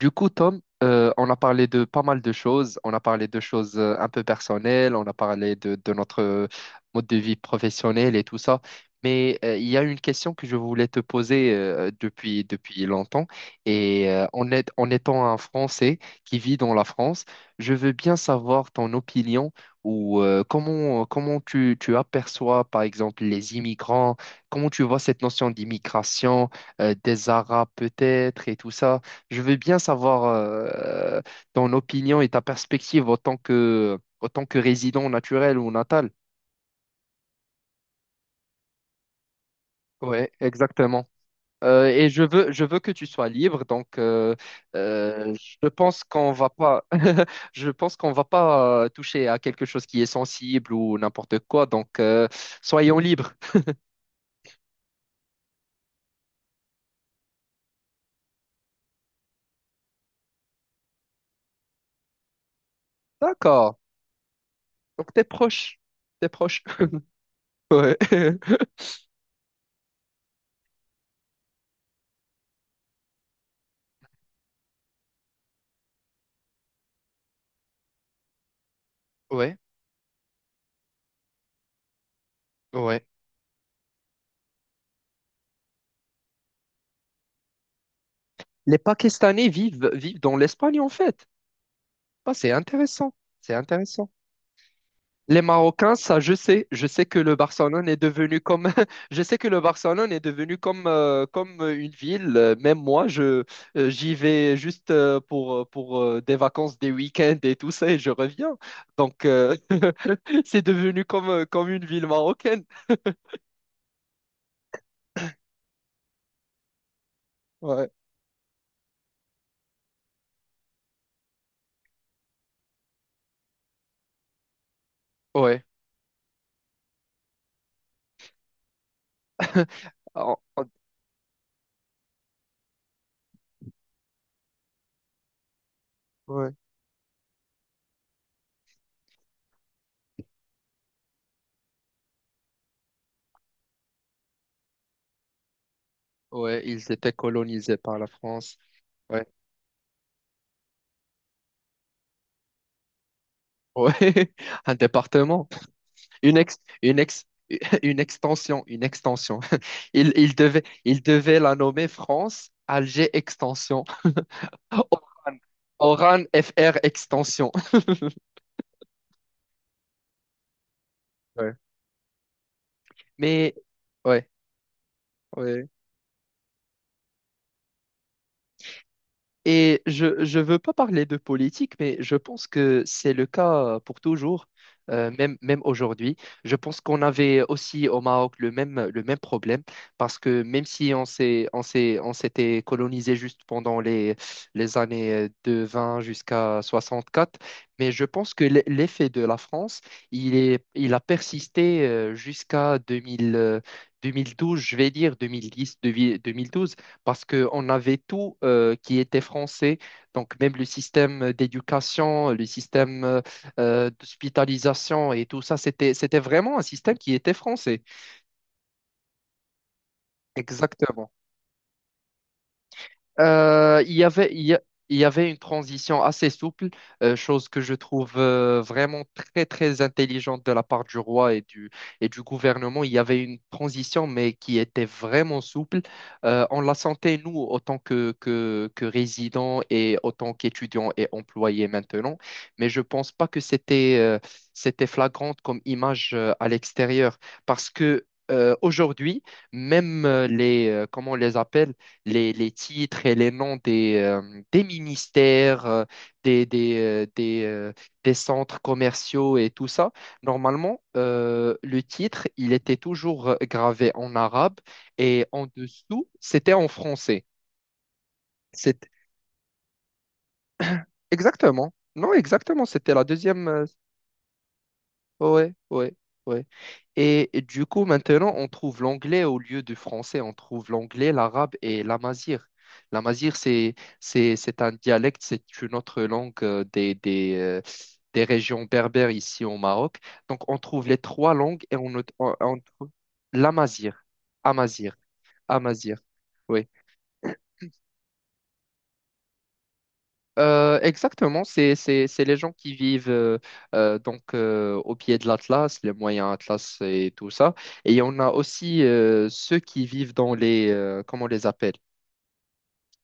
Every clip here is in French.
Du coup, Tom, on a parlé de pas mal de choses. On a parlé de choses un peu personnelles. On a parlé de notre mode de vie professionnel et tout ça. Mais il y a une question que je voulais te poser depuis longtemps. Et en étant un Français qui vit dans la France, je veux bien savoir ton opinion ou comment tu aperçois, par exemple, les immigrants, comment tu vois cette notion d'immigration, des Arabes peut-être et tout ça. Je veux bien savoir ton opinion et ta perspective autant que résident naturel ou natal. Ouais, exactement. Et je veux que tu sois libre, donc euh, je pense qu'on va pas, je pense qu'on va pas toucher à quelque chose qui est sensible ou n'importe quoi, donc soyons libres. D'accord. Donc t'es proche, t'es proche. Ouais, ouais, ouais. Les Pakistanais vivent, vivent dans l'Espagne en fait. Bah, c'est intéressant, c'est intéressant. Les Marocains, ça je sais que le Barcelone est devenu comme, je sais que le Barcelone est devenu comme, comme une ville. Même moi, je, j'y vais juste pour des vacances, des week-ends et tout ça, et je reviens. Donc, c'est devenu comme, comme une ville marocaine. Ouais, ouais. En- en- Ouais. Ouais, ils étaient colonisés par la France. Ouais. Ouais. Un département. Une ex, une extension, une extension. Il devait la nommer France Alger Extension. Oran, Oran FR Extension. Ouais. Mais ouais, ouais. Et je veux pas parler de politique, mais je pense que c'est le cas pour toujours, même, même aujourd'hui. Je pense qu'on avait aussi au Maroc le même problème, parce que même si on s'est, on s'est, on s'était colonisé juste pendant les années de 20 jusqu'à 64, mais je pense que l'effet de la France, il est, il a persisté jusqu'à 2000, 2012, je vais dire 2010, 2012, parce qu'on avait tout qui était français, donc même le système d'éducation, le système d'hospitalisation et tout ça, c'était, c'était vraiment un système qui était français. Exactement. Il y avait, il y avait une transition assez souple, chose que je trouve vraiment très, très intelligente de la part du roi et du gouvernement. Il y avait une transition, mais qui était vraiment souple. On la sentait, nous, autant que, que résidents et autant qu'étudiants et employés maintenant. Mais je pense pas que c'était c'était flagrante comme image à l'extérieur parce que aujourd'hui, même les, comment on les appelle, les titres et les noms des ministères, des, des, euh, des, euh, des centres commerciaux et tout ça, normalement, le titre, il était toujours gravé en arabe et en dessous, c'était en français. C'est exactement. Non, exactement, c'était la deuxième, Ouais, ouais, ouais. Et du coup, maintenant, on trouve l'anglais au lieu du français. On trouve l'anglais, l'arabe et l'amazir. L'amazir, c'est un dialecte, c'est une autre langue des régions berbères ici au Maroc. Donc, on trouve les trois langues et on trouve l'amazigh, amazir. Amazigh. Oui. Exactement, c'est les gens qui vivent donc au pied de l'Atlas, les moyens Atlas et tout ça. Et on a aussi ceux qui vivent dans les, comment on les appelle?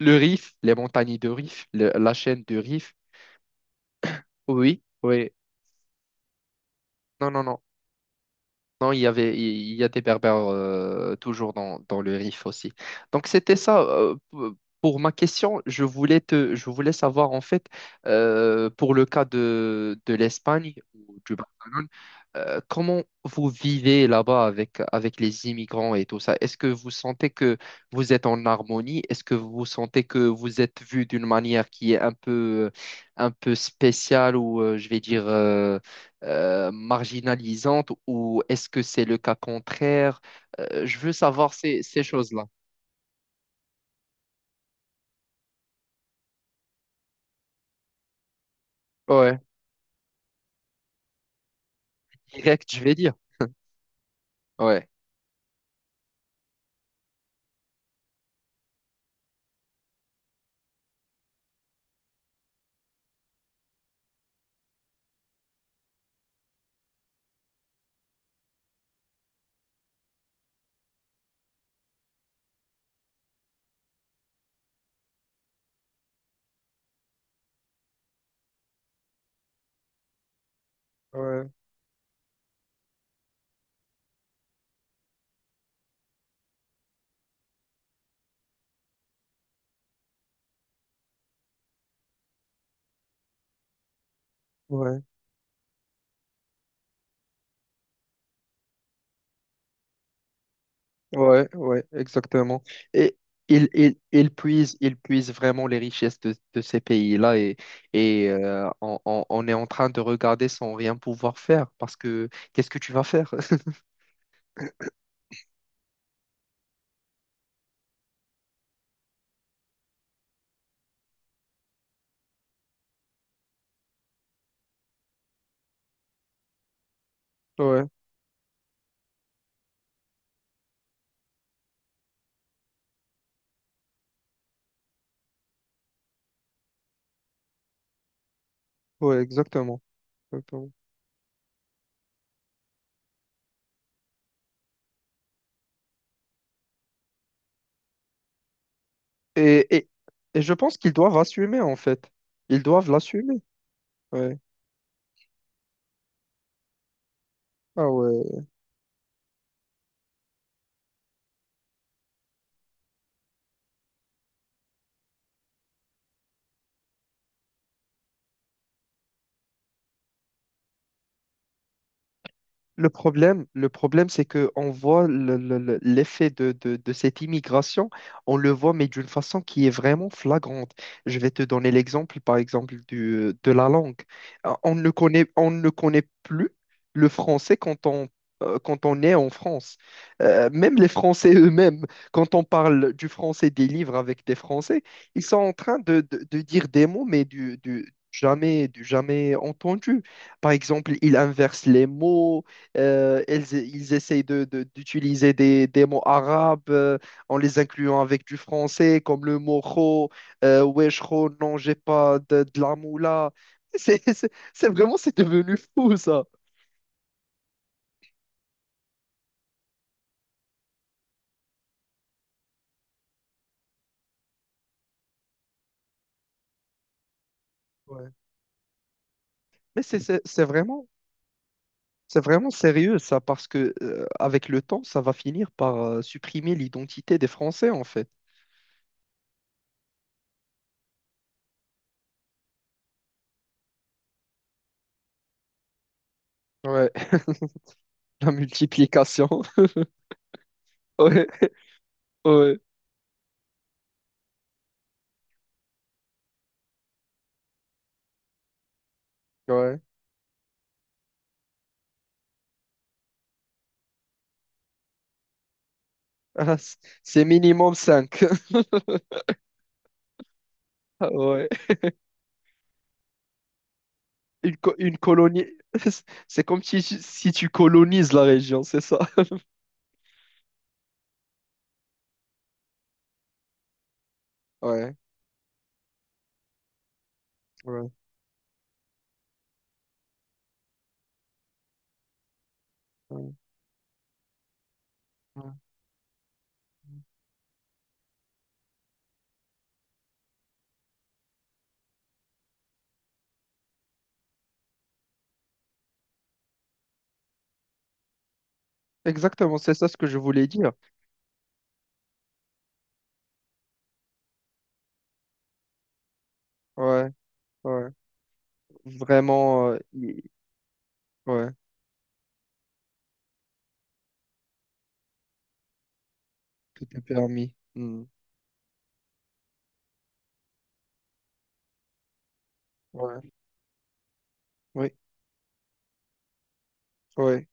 Le Rif, les montagnes de Rif, la chaîne de Rif. Oui, oui. Non, non, non. Non, il y avait, il y a des Berbères toujours dans, dans le Rif aussi. Donc c'était ça. Pour ma question, je voulais te, je voulais savoir en fait pour le cas de l'Espagne ou du Barcelone, comment vous vivez là-bas avec avec les immigrants et tout ça? Est-ce que vous sentez que vous êtes en harmonie? Est-ce que vous sentez que vous êtes vu d'une manière qui est un peu spéciale ou je vais dire marginalisantes, ou est-ce que c'est le cas contraire? Je veux savoir ces, ces choses-là. Ouais, direct, je vais dire. Ouais. Ouais, ouais, ouais, ouais, exactement. Et ils puisent, ils puise vraiment les richesses de ces pays-là, et on, on est en train de regarder sans rien pouvoir faire parce que qu'est-ce que tu vas faire? Ouais, ouais, exactement. Exactement. Et, et, et je pense qu'ils doivent assumer, en fait. Ils doivent l'assumer. Ouais. Ah ouais. Le problème, c'est que on voit l'effet de, de cette immigration, on le voit, mais d'une façon qui est vraiment flagrante. Je vais te donner l'exemple, par exemple, du, de la langue. On ne connaît plus le français quand on, quand on est en France. Même les Français eux-mêmes, quand on parle du français des livres avec des Français, ils sont en train de, de dire des mots, mais du jamais entendu. Par exemple, ils inversent les mots. Ils essayent de, d'utiliser des mots arabes en les incluant avec du français, comme le mot ro, wesh ro, non, j'ai pas de, de la moula. C'est c'est vraiment, c'est devenu fou ça. Ouais. Mais c'est vraiment sérieux ça, parce que avec le temps, ça va finir par supprimer l'identité des Français en fait. Ouais. La multiplication. Ouais, ouais, ouais. Ah, c- c'est minimum 5. Une, une colonie. C'est comme si, si tu colonises la région, c'est ça? Ouais, ouais, ouais, ouais. Exactement, c'est ça ce que je voulais dire. Ouais, ouais. Vraiment, ouais, tout est permis. Hmm. Ouais, oui, ouais.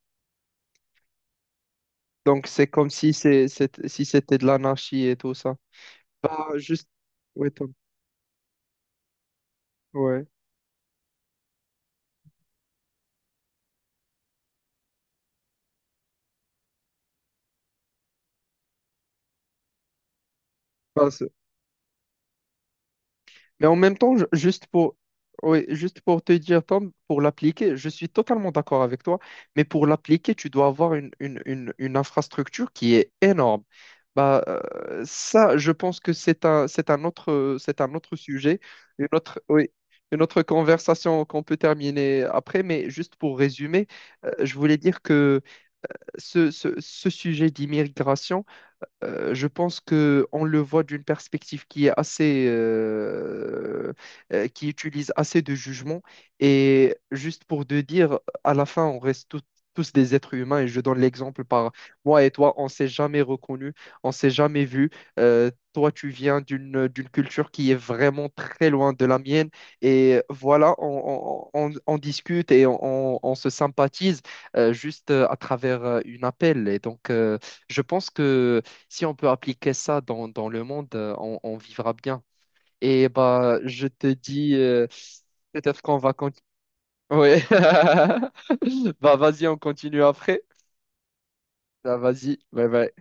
Donc c'est comme si c'est, si c'était de l'anarchie et tout ça. Bah, juste, ouais, Tom. Ouais. Mais en même temps, juste pour, oui, juste pour te dire, Tom, pour l'appliquer, je suis totalement d'accord avec toi, mais pour l'appliquer, tu dois avoir une, une infrastructure qui est énorme. Bah, ça, je pense que c'est un autre sujet, une autre, oui, une autre conversation qu'on peut terminer après, mais juste pour résumer, je voulais dire que ce sujet d'immigration, je pense que on le voit d'une perspective qui est assez, qui utilise assez de jugement. Et juste pour te dire, à la fin, on reste tous des êtres humains. Et je donne l'exemple par moi et toi, on s'est jamais reconnus, on s'est jamais vus. Toi, tu viens d'une d'une culture qui est vraiment très loin de la mienne. Et voilà, on, on discute et on, on se sympathise juste à travers une appel. Et donc, je pense que si on peut appliquer ça dans, dans le monde, on vivra bien. Et bah, je te dis, peut-être qu'on va continuer. Ouais. Bah, vas-y, on continue après. Bah, vas-y. Ouais, ouais.